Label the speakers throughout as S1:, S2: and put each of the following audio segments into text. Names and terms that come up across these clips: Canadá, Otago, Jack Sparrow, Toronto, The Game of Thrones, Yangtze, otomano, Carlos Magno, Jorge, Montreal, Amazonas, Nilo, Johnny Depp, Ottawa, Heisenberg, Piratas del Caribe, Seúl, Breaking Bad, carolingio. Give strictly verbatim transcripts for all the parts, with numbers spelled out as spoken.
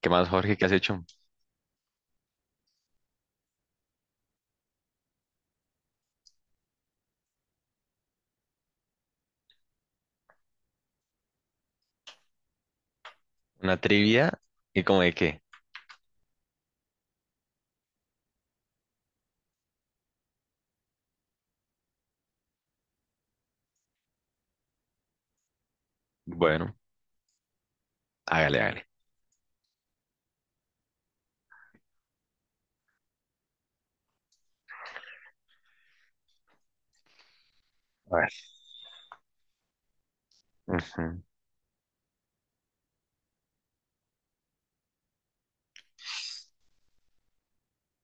S1: ¿Qué más, Jorge? ¿Qué has hecho? ¿Una trivia? ¿Y como de qué? Bueno, hágale, hágale. A ver. Ujú.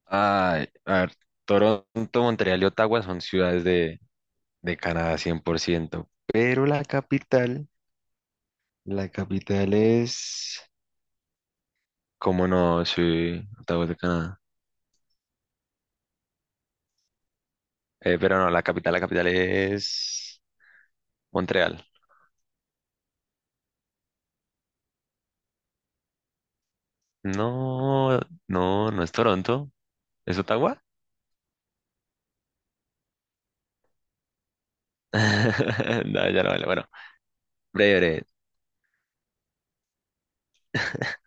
S1: Ay, a ver, Toronto, Montreal y Ottawa son ciudades de, de Canadá cien por ciento, pero la capital, la capital es. ¿Cómo no? Sí, Ottawa es de Canadá. Eh, pero no, la capital, la capital es Montreal. No, no, no es Toronto, ¿es Ottawa? No, ya no vale. Bueno, breve, breve.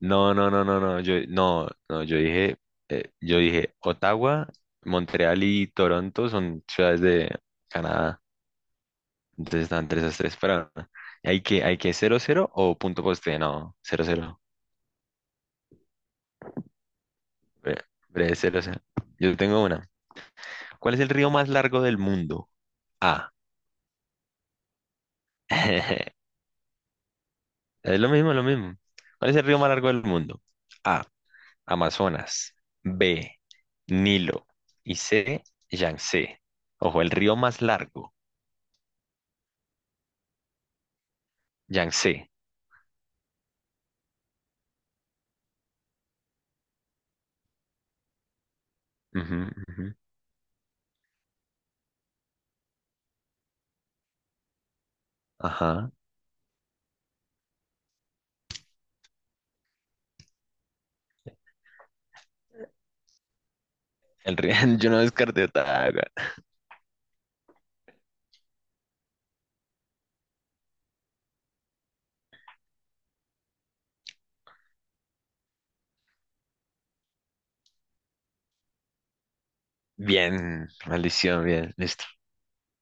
S1: No, no, no, no, no, yo, no, no, yo dije, eh, yo dije, Ottawa, Montreal y Toronto son ciudades de Canadá, entonces están tres a tres, pero hay que, hay que cero cero o punto poste, no, cero cero. bre- breve cero. 0. Yo tengo una. ¿Cuál es el río más largo del mundo? A. Es lo mismo, lo mismo. ¿Cuál es el río más largo del mundo? A. Amazonas. B. Nilo. Y C. Yangtze. Ojo, el río más largo. Yangtze. Ujú, ujú. Ajá. El río. Yo no descarté Otago. Bien, maldición, bien, listo.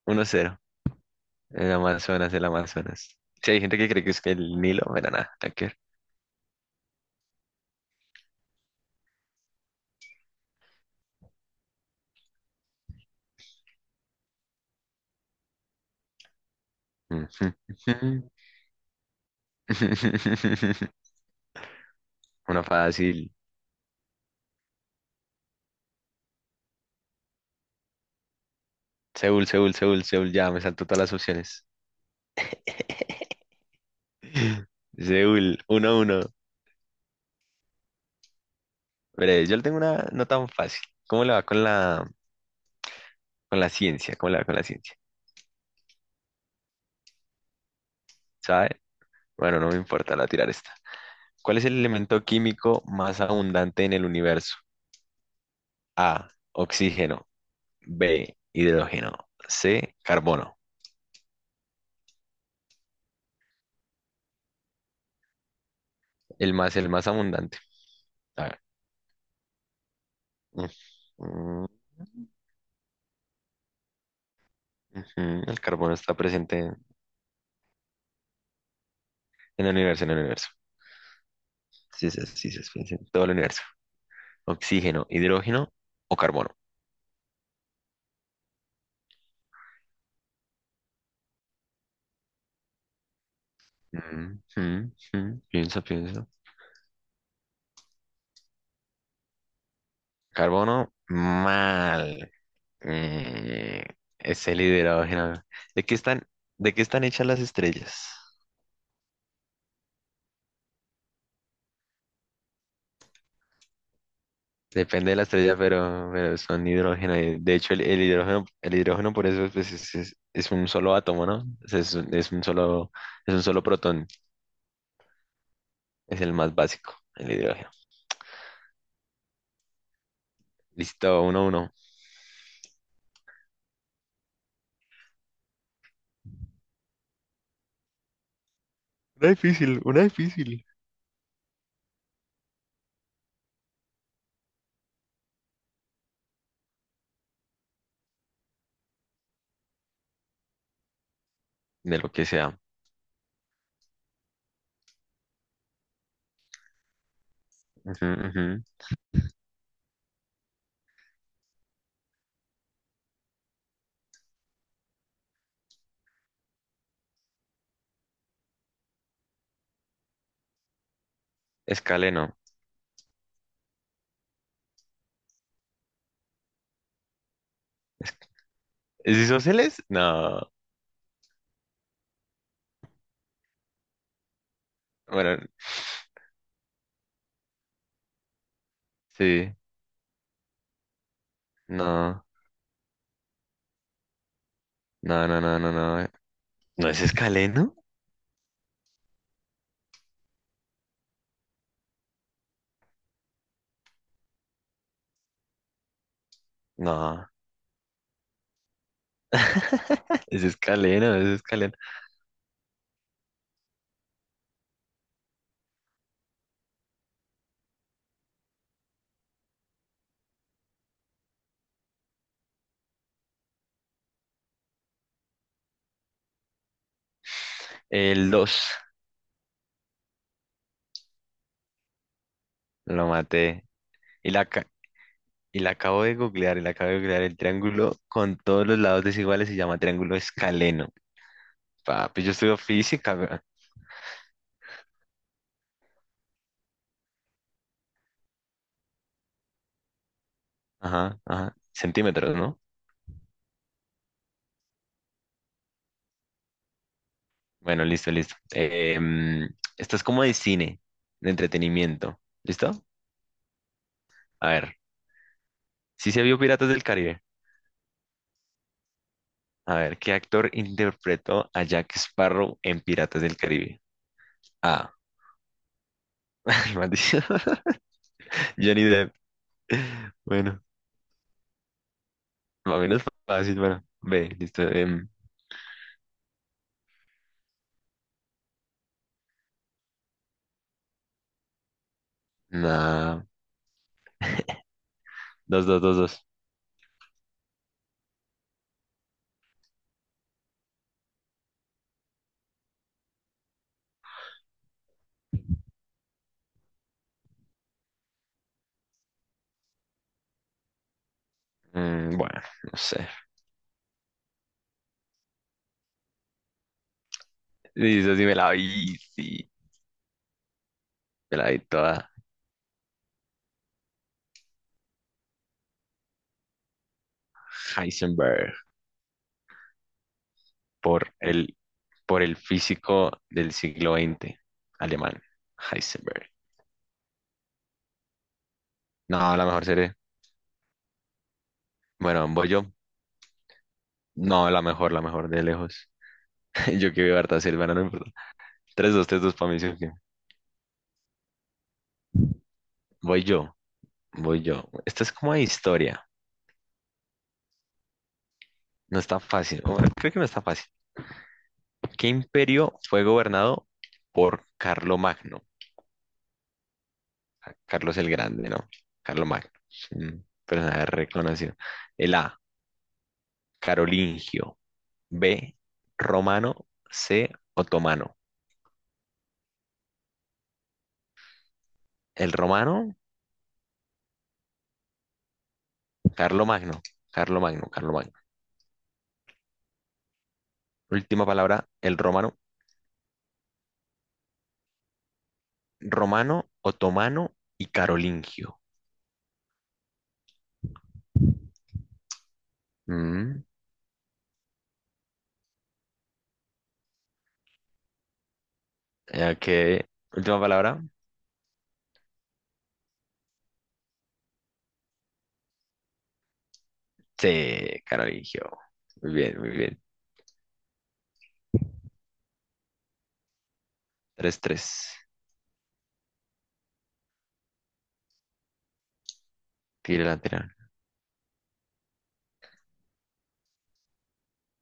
S1: Uno cero, el Amazonas, el Amazonas. Sí, hay gente que cree que es que el Nilo, pero nada, nada que ver. Ujú, ujú. Una fácil. Seúl, Seúl, Seúl, Seúl, ya me salto todas las opciones. Seúl, 1 uno. Veré, yo le tengo una no tan fácil. ¿Cómo le va con la, con la ciencia? ¿Cómo le va con la ciencia? ¿Sabe? Bueno, no me importa, la voy a tirar esta. ¿Cuál es el elemento químico más abundante en el universo? A, oxígeno. B, hidrógeno. C, carbono. El más, el más abundante. A ver. Mm, mm, ujú, El carbono está presente en en el universo, en el universo. Sí, sí, sí, sí, sí, sí, en todo el universo. Oxígeno, hidrógeno o carbono. Mm, mm, mm, Piensa, piensa. Carbono, mal. Mm, es el hidrógeno. ¿De qué están, de qué están hechas las estrellas? Depende de la estrella, pero, pero son hidrógeno. Y de hecho, el, el hidrógeno, el hidrógeno por eso pues, es, es- es un solo átomo, ¿no? Es, es un es un solo, es un solo protón. Es el más básico, el hidrógeno. Listo, uno, uno. Una difícil, una difícil. De lo que sea. Ujú, ujú. Escaleno. ¿Es isósceles? No. Bueno, sí. No. No, no, no, no, no. ¿No es escaleno? No. Es escaleno, es escaleno. El dos. Lo maté. Y la, ca- Y la acabo de googlear, y la acabo de googlear. El triángulo con todos los lados desiguales se llama triángulo escaleno. Papi, yo estudio física. Weón. Ajá, ajá. Centímetros, ¿no? Bueno, listo, listo. Em, esto es como de cine, de entretenimiento. ¿Listo? A ver. ¿Si se vio Piratas del Caribe? A ver, ¿qué actor interpretó a Jack Sparrow en Piratas del Caribe? A. Maldición. Johnny Depp. Bueno, más o menos fácil. Bueno, B. Listo. em, nah, dos, dos, dos, dos. Mm, bueno, no sé. Dice sí me la vi, sí, me la vi toda. Heisenberg. Por el, por el físico del siglo vigésimo, alemán, Heisenberg. No, la mejor serie. Bueno, voy yo. No, la mejor, la mejor de lejos. Yo que veo harta serie, bueno, no importa. tres, dos, tres, dos para mí, sí, ok. Voy yo, voy yo. Esta es como de historia. No está fácil. Bueno, creo que no está fácil. ¿Qué imperio fue gobernado por Carlomagno? ¿A Carlos el Grande, no? Carlos Magno. Mm, personaje reconocido. El A, carolingio. B, romano. C, otomano. El romano, Carlo Magno. Carlo Magno, Carlo Magno. Última palabra, el romano. Romano, otomano y carolingio. Mm, ok. Última palabra. C, carolingio. Muy bien, muy bien. Tres tres. Tire la lateral.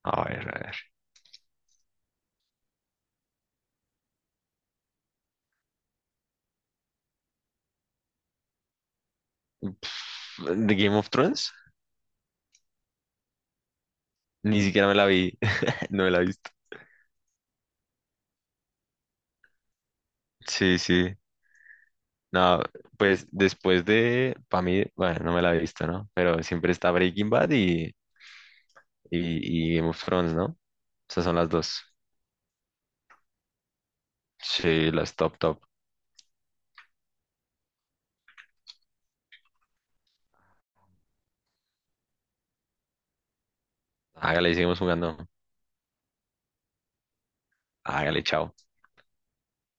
S1: A ver, a ver. Pff, ¿The Game of Thrones? Ni siquiera me la vi. No la he visto. Sí, sí. No, pues después de, para mí, bueno, no me la he visto, ¿no? Pero siempre está Breaking Bad y, y, y Game of Thrones, ¿no? Esas son las dos. Sí, las top, top. Hágale, seguimos jugando. Hágale, chao.